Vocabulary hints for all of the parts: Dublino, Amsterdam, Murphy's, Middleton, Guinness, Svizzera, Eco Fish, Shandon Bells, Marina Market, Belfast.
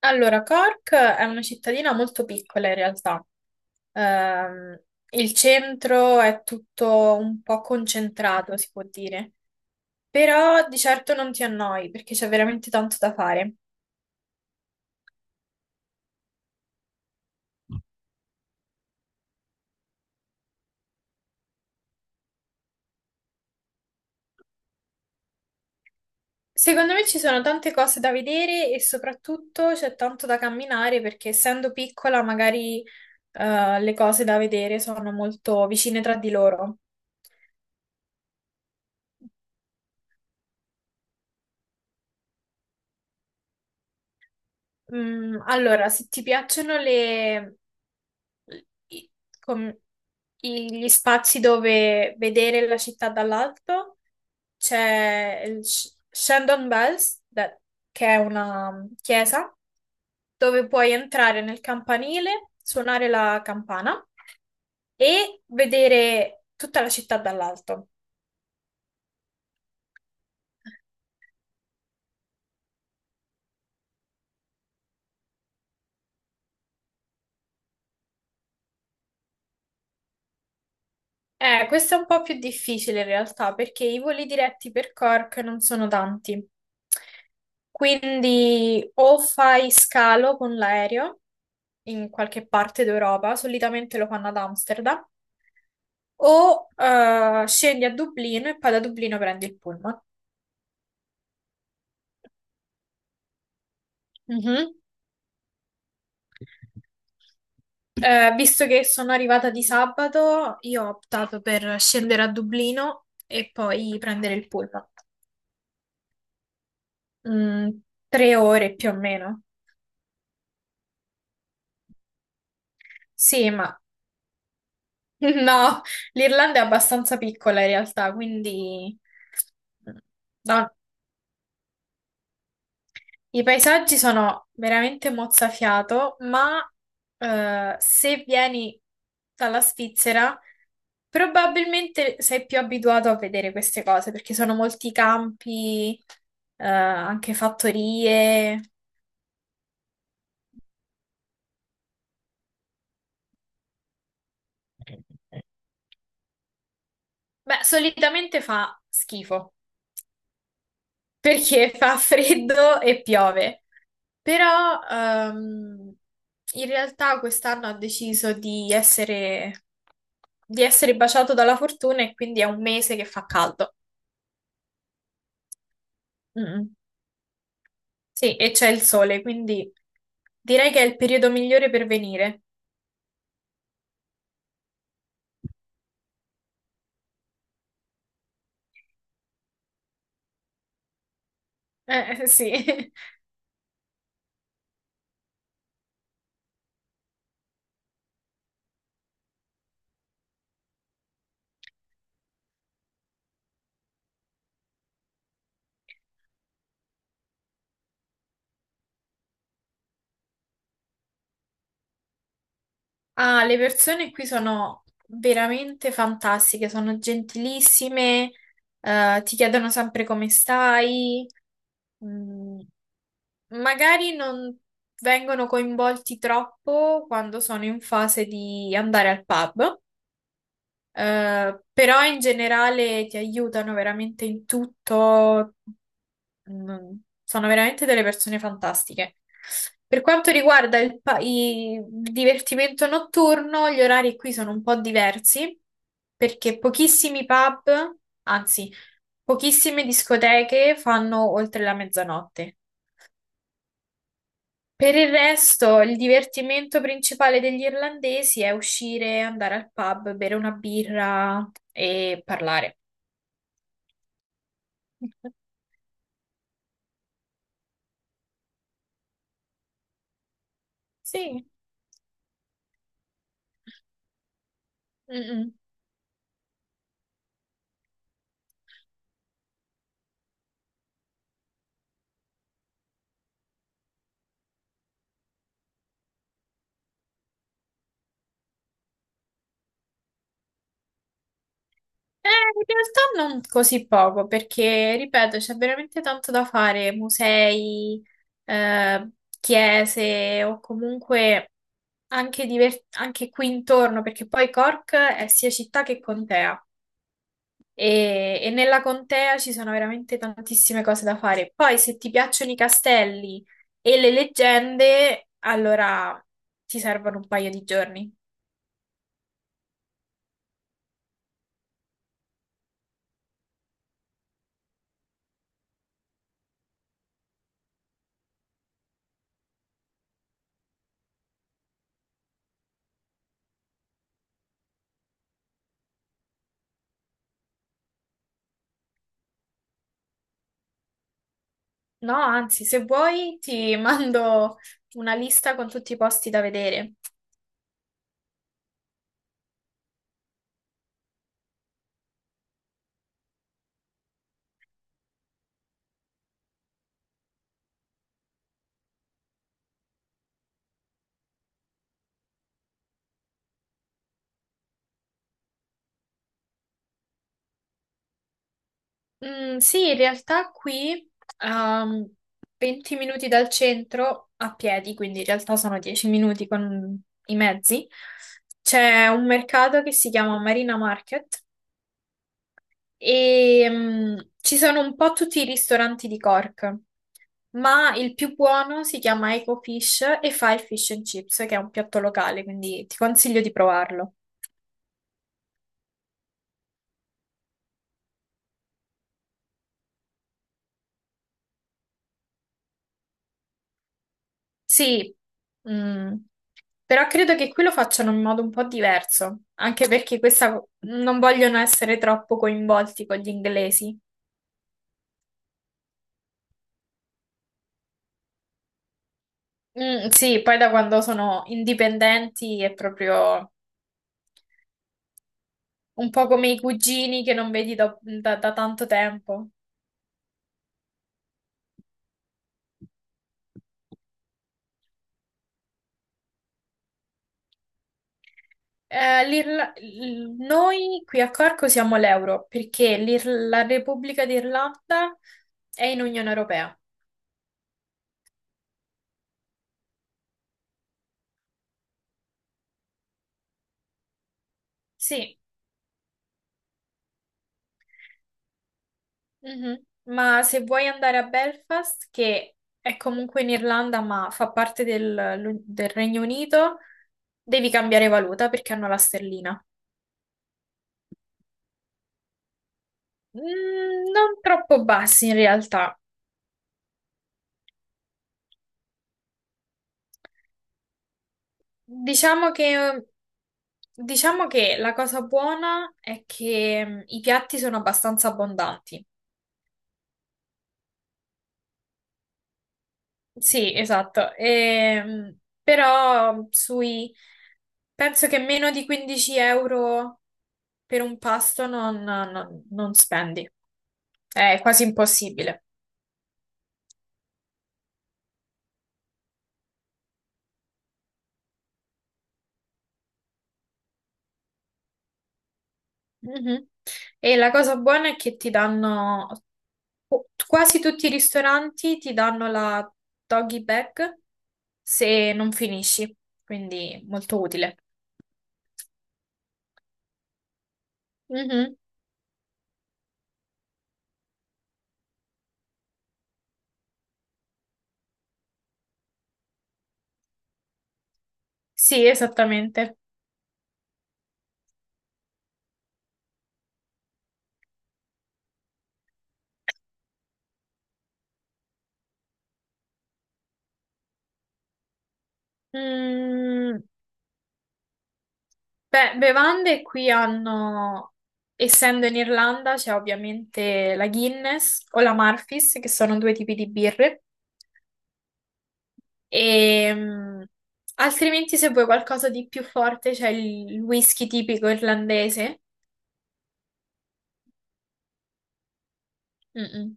Allora, Cork è una cittadina molto piccola in realtà. Ehm, il centro è tutto un po' concentrato, si può dire, però di certo non ti annoi perché c'è veramente tanto da fare. Secondo me ci sono tante cose da vedere e soprattutto c'è tanto da camminare perché essendo piccola magari le cose da vedere sono molto vicine tra di loro. Mm, allora, se ti piacciono le i- com- i- gli spazi dove vedere la città dall'alto, c'è il Shandon Bells, che è una chiesa, dove puoi entrare nel campanile, suonare la campana e vedere tutta la città dall'alto. Questo è un po' più difficile in realtà perché i voli diretti per Cork non sono tanti. Quindi o fai scalo con l'aereo in qualche parte d'Europa, solitamente lo fanno ad Amsterdam, o scendi a Dublino e poi da Dublino prendi il pullman. Mhm. Visto che sono arrivata di sabato, io ho optato per scendere a Dublino e poi prendere il pullman. Mm, tre ore più o meno. Sì, ma no, l'Irlanda è abbastanza piccola in realtà, quindi no, i paesaggi sono veramente mozzafiato, ma se vieni dalla Svizzera, probabilmente sei più abituato a vedere queste cose, perché sono molti campi, anche fattorie. Beh, solitamente fa schifo, perché fa freddo e piove. Però in realtà quest'anno ha deciso di essere baciato dalla fortuna e quindi è un mese che fa caldo. Mm, Sì, e c'è il sole, quindi direi che è il periodo migliore per venire. Sì. Ah, le persone qui sono veramente fantastiche, sono gentilissime, ti chiedono sempre come stai. Mm. Magari non vengono coinvolti troppo quando sono in fase di andare al pub, però in generale ti aiutano veramente in tutto. Sono veramente delle persone fantastiche. Per quanto riguarda il divertimento notturno, gli orari qui sono un po' diversi perché pochissimi pub, anzi, pochissime discoteche fanno oltre la mezzanotte. Per il resto, il divertimento principale degli irlandesi è uscire, andare al pub, bere una birra e parlare. Sì. Mm-mm. In realtà non così poco, perché, ripeto, c'è veramente tanto da fare, musei, eh, chiese o comunque anche, anche qui intorno, perché poi Cork è sia città che contea. E nella contea ci sono veramente tantissime cose da fare. Poi, se ti piacciono i castelli e le leggende, allora ti servono un paio di giorni. No, anzi, se vuoi, ti mando una lista con tutti i posti da vedere. Mm, sì, in realtà qui a 20 minuti dal centro a piedi, quindi in realtà sono 10 minuti con i mezzi. C'è un mercato che si chiama Marina Market. E ci sono un po' tutti i ristoranti di Cork, ma il più buono si chiama Eco Fish e fa il fish and chips, che è un piatto locale, quindi ti consiglio di provarlo. Sì, mm, però credo che qui lo facciano in modo un po' diverso, anche perché questa, non vogliono essere troppo coinvolti con gli inglesi. Mm, sì, poi da quando sono indipendenti è proprio un po' come i cugini che non vedi da tanto tempo. Noi qui a Corco siamo all'euro perché la Repubblica d'Irlanda è in Unione Europea. Sì, mhm. Ma se vuoi andare a Belfast, che è comunque in Irlanda ma fa parte del Regno Unito, devi cambiare valuta perché hanno la sterlina. Mm, non troppo bassi in realtà. Diciamo che, diciamo che la cosa buona è che i piatti sono abbastanza abbondanti. Sì, esatto. Però sui... penso che meno di 15 euro per un pasto non spendi. È quasi impossibile. Mhm. E la cosa buona è che ti danno, quasi tutti i ristoranti ti danno la doggy bag se non finisci, quindi molto utile. Mhm. Sì, esattamente. Mm, Beh, bevande qui hanno, essendo in Irlanda, c'è ovviamente la Guinness o la Murphy's, che sono due tipi di birre, e, altrimenti se vuoi qualcosa di più forte c'è il whisky tipico irlandese. Mm-mm.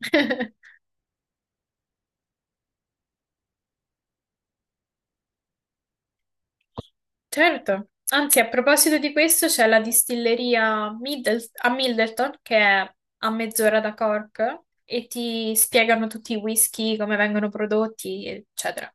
Certo. Anzi, a proposito di questo, c'è la distilleria a Middleton, che è a mezz'ora da Cork, e ti spiegano tutti i whisky, come vengono prodotti, eccetera.